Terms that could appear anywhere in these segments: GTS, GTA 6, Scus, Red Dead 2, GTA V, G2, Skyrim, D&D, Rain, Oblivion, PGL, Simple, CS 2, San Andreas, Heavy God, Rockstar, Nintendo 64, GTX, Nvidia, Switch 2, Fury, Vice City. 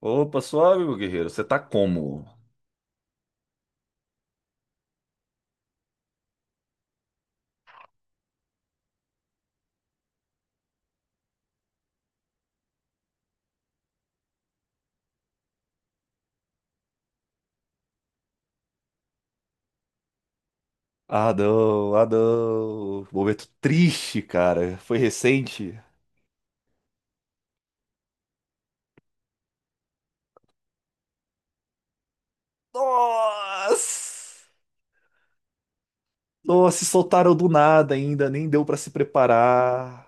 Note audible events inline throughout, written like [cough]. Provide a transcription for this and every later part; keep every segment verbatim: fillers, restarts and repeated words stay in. Opa, suave, meu guerreiro. Você tá como? Ah, não, ah, não. Momento triste, cara. Foi recente. Nossa! Nossa, se soltaram do nada ainda, nem deu pra se preparar.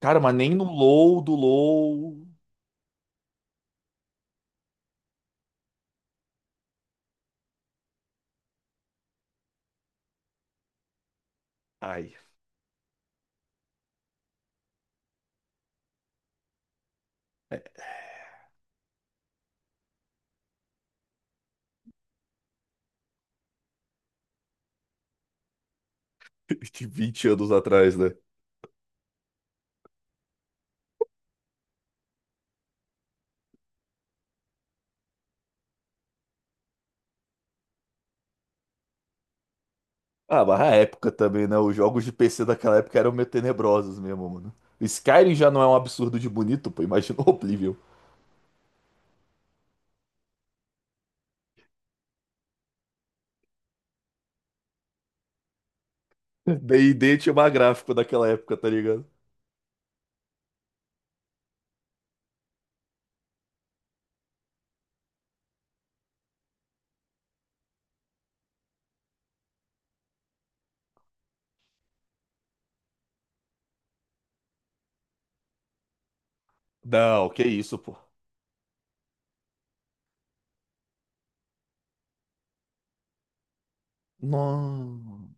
Cara, mas nem no low do low. Ai, [laughs] de vinte anos atrás, né? Ah, mas a época também, né? Os jogos de P C daquela época eram meio tenebrosos mesmo, mano. Skyrim já não é um absurdo de bonito, pô. Imagina o Oblivion. [laughs] D e D tinha mais gráfico daquela época, tá ligado? Não, que isso, pô. Não.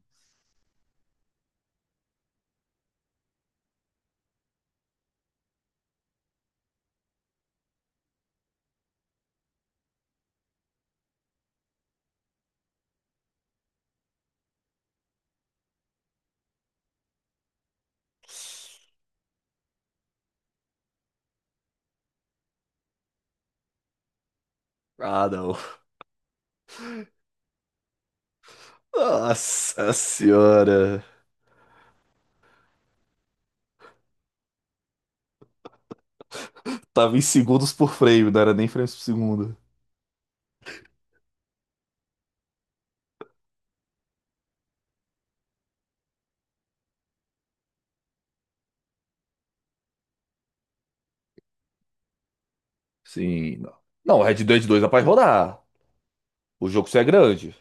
Ah, não. Nossa senhora. Tava em segundos por frame, não era nem frames por segundo. Sim, não. Não, Red Dead dois dá pra rodar. O jogo só é grande.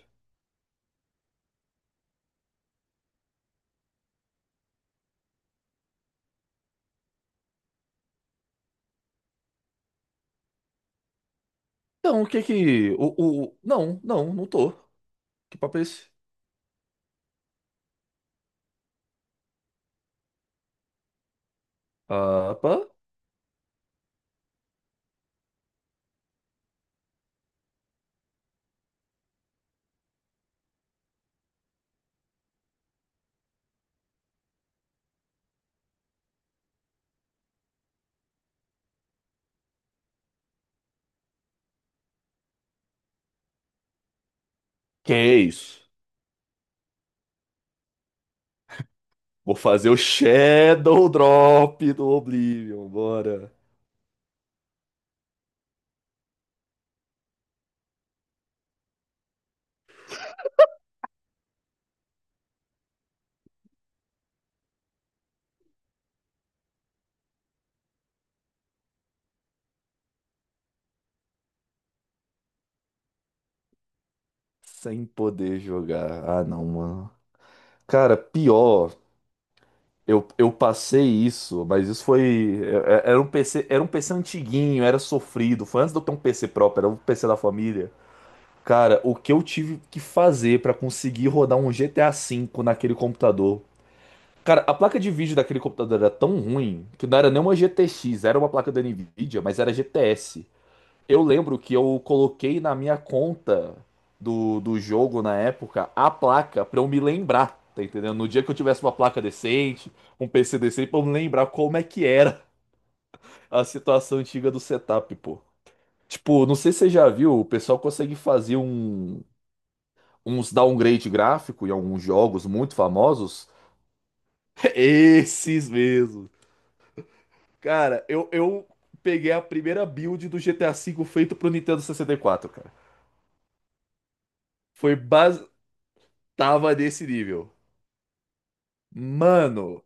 Então, o que que. O, o... Não, não, não tô. Que papo é esse? Ah, pá. Que é isso? Vou fazer o Shadow Drop do Oblivion, bora. Sem poder jogar. Ah, não, mano. Cara, pior. Eu, eu passei isso, mas isso foi. é- é- Era um P C, era um P C antiguinho, era sofrido. Foi antes de eu ter um P C próprio, era um P C da família. Cara, o que eu tive que fazer pra conseguir rodar um G T A V naquele computador? Cara, a placa de vídeo daquele computador era tão ruim que não era nem uma G T X, era uma placa da Nvidia, mas era G T S. Eu lembro que eu coloquei na minha conta do, do jogo na época a placa pra eu me lembrar, tá entendendo? No dia que eu tivesse uma placa decente, um P C decente, pra eu me lembrar como é que era a situação antiga do setup, pô. Tipo, não sei se você já viu, o pessoal consegue fazer um, uns downgrade gráfico em alguns jogos muito famosos. [laughs] Esses mesmo. Cara, eu, eu peguei a primeira build do G T A V feito pro Nintendo sessenta e quatro, cara. Foi base... Tava desse nível. Mano,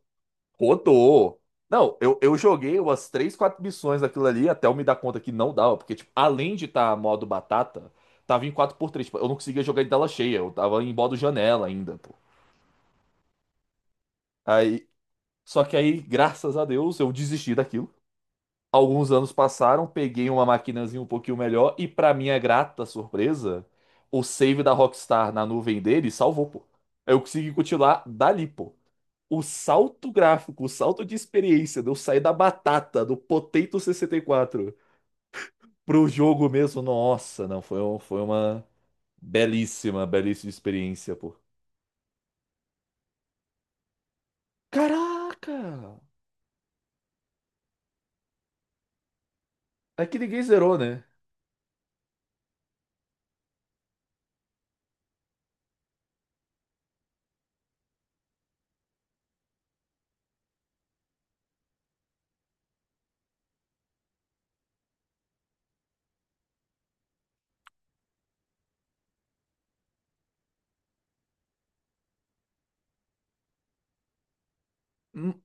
rodou. Não, eu, eu joguei umas três, quatro missões daquilo ali até eu me dar conta que não dava, porque, tipo, além de estar modo batata, tava em quatro por três. Tipo, eu não conseguia jogar de tela cheia, eu tava em modo janela ainda, pô. Aí, só que aí, graças a Deus, eu desisti daquilo. Alguns anos passaram, peguei uma maquinazinha um pouquinho melhor e, pra minha grata surpresa, o save da Rockstar na nuvem dele salvou, pô. Eu consegui continuar dali, pô. O salto gráfico, o salto de experiência de eu sair da batata, do Potato sessenta e quatro, pro jogo mesmo, nossa, não, foi, um- foi uma belíssima, belíssima experiência, pô. Caraca! É que ninguém zerou, né? Hum,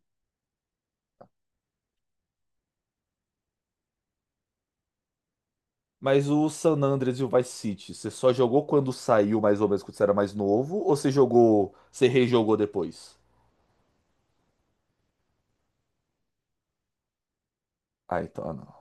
Mas o San Andreas e o Vice City, você só jogou quando saiu, mais ou menos, quando você era mais novo? Ou você jogou, você rejogou depois? Ah, então ah, não.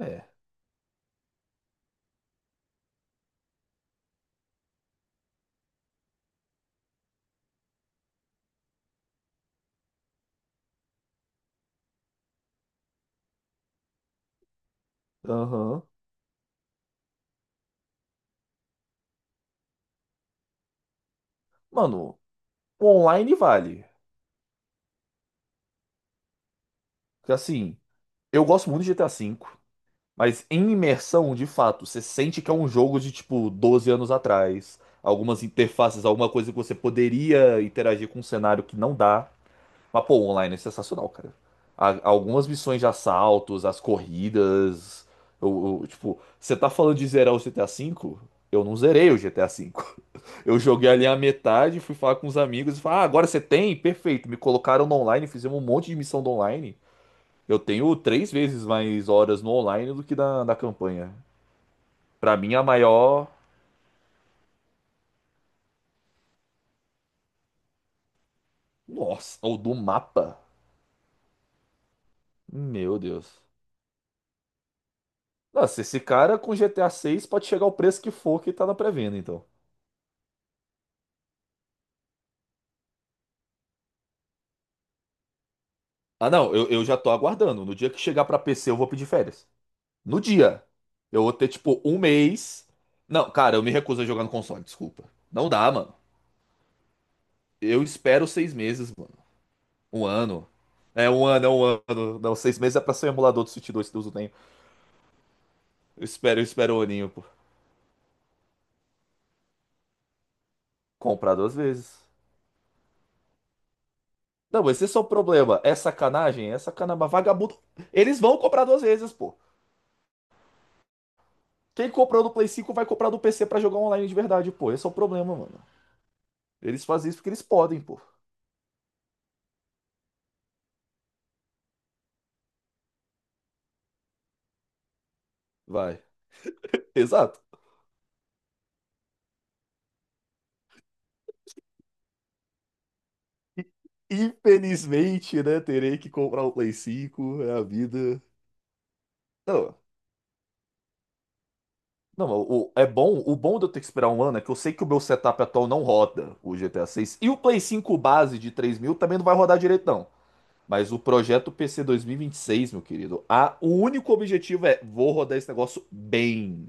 É. Aham. Mano, o online vale. Porque, assim, eu gosto muito de G T A V. Mas em imersão, de fato, você sente que é um jogo de tipo doze anos atrás. Algumas interfaces, alguma coisa que você poderia interagir com um cenário que não dá. Mas, pô, o online é sensacional, cara. A- algumas missões de assaltos, as corridas. Eu, eu- tipo, você tá falando de zerar o G T A V? Eu não zerei o G T A V. [laughs] Eu joguei ali a metade, fui falar com os amigos e falei, ah, agora você tem? Perfeito. Me colocaram no online, fizemos um monte de missão do online. Eu tenho três vezes mais horas no online do que na, na campanha. Pra mim, a maior. Nossa, ou do mapa. Meu Deus. Nossa, esse cara com G T A seis pode chegar ao preço que for que tá na pré-venda, então. Ah, não, eu, eu já tô aguardando. No dia que chegar pra P C, eu vou pedir férias. No dia. Eu vou ter, tipo, um mês. Não, cara, eu me recuso a jogar no console, desculpa. Não dá, mano. Eu espero seis meses, mano. Um ano. É, um ano, é um ano. Não, seis meses é pra ser um emulador do Switch dois que Deus o tenha. Eu espero, eu espero o Oninho, pô. Comprar duas vezes. Não, mas esse é só o problema. É sacanagem, é sacanagem. Mas Vagabundo. Eles vão comprar duas vezes, pô. Quem comprou do Play cinco vai comprar no P C pra jogar online de verdade, pô. Esse é o problema, mano. Eles fazem isso porque eles podem, pô. Vai. Exato. E, infelizmente, né? Terei que comprar o Play cinco. É a vida. Não, não, o, é bom. O bom de eu ter que esperar um ano é que eu sei que o meu setup atual não roda o G T A seis. E o Play cinco base de três mil também não vai rodar direito, não. Mas o projeto P C dois mil e vinte e seis, meu querido, a, o único objetivo é vou rodar esse negócio bem.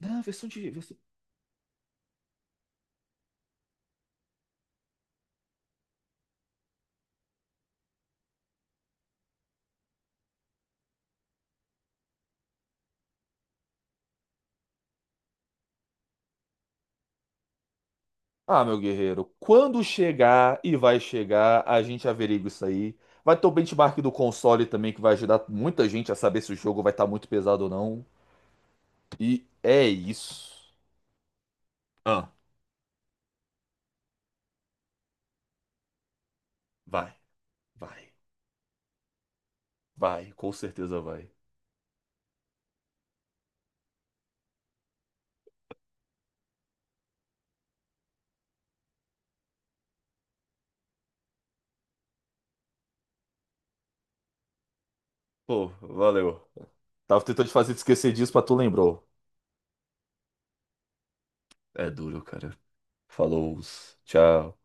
Não, versão de. versão- Ah, meu guerreiro, quando chegar e vai chegar, a gente averigua isso aí. Vai ter o benchmark do console também, que vai ajudar muita gente a saber se o jogo vai estar muito pesado ou não. E é isso. Ah, vai, vai, vai, com certeza vai. Pô, valeu. Tava tentando te fazer te esquecer disso, mas tu lembrou. É duro, cara. Falou, tchau.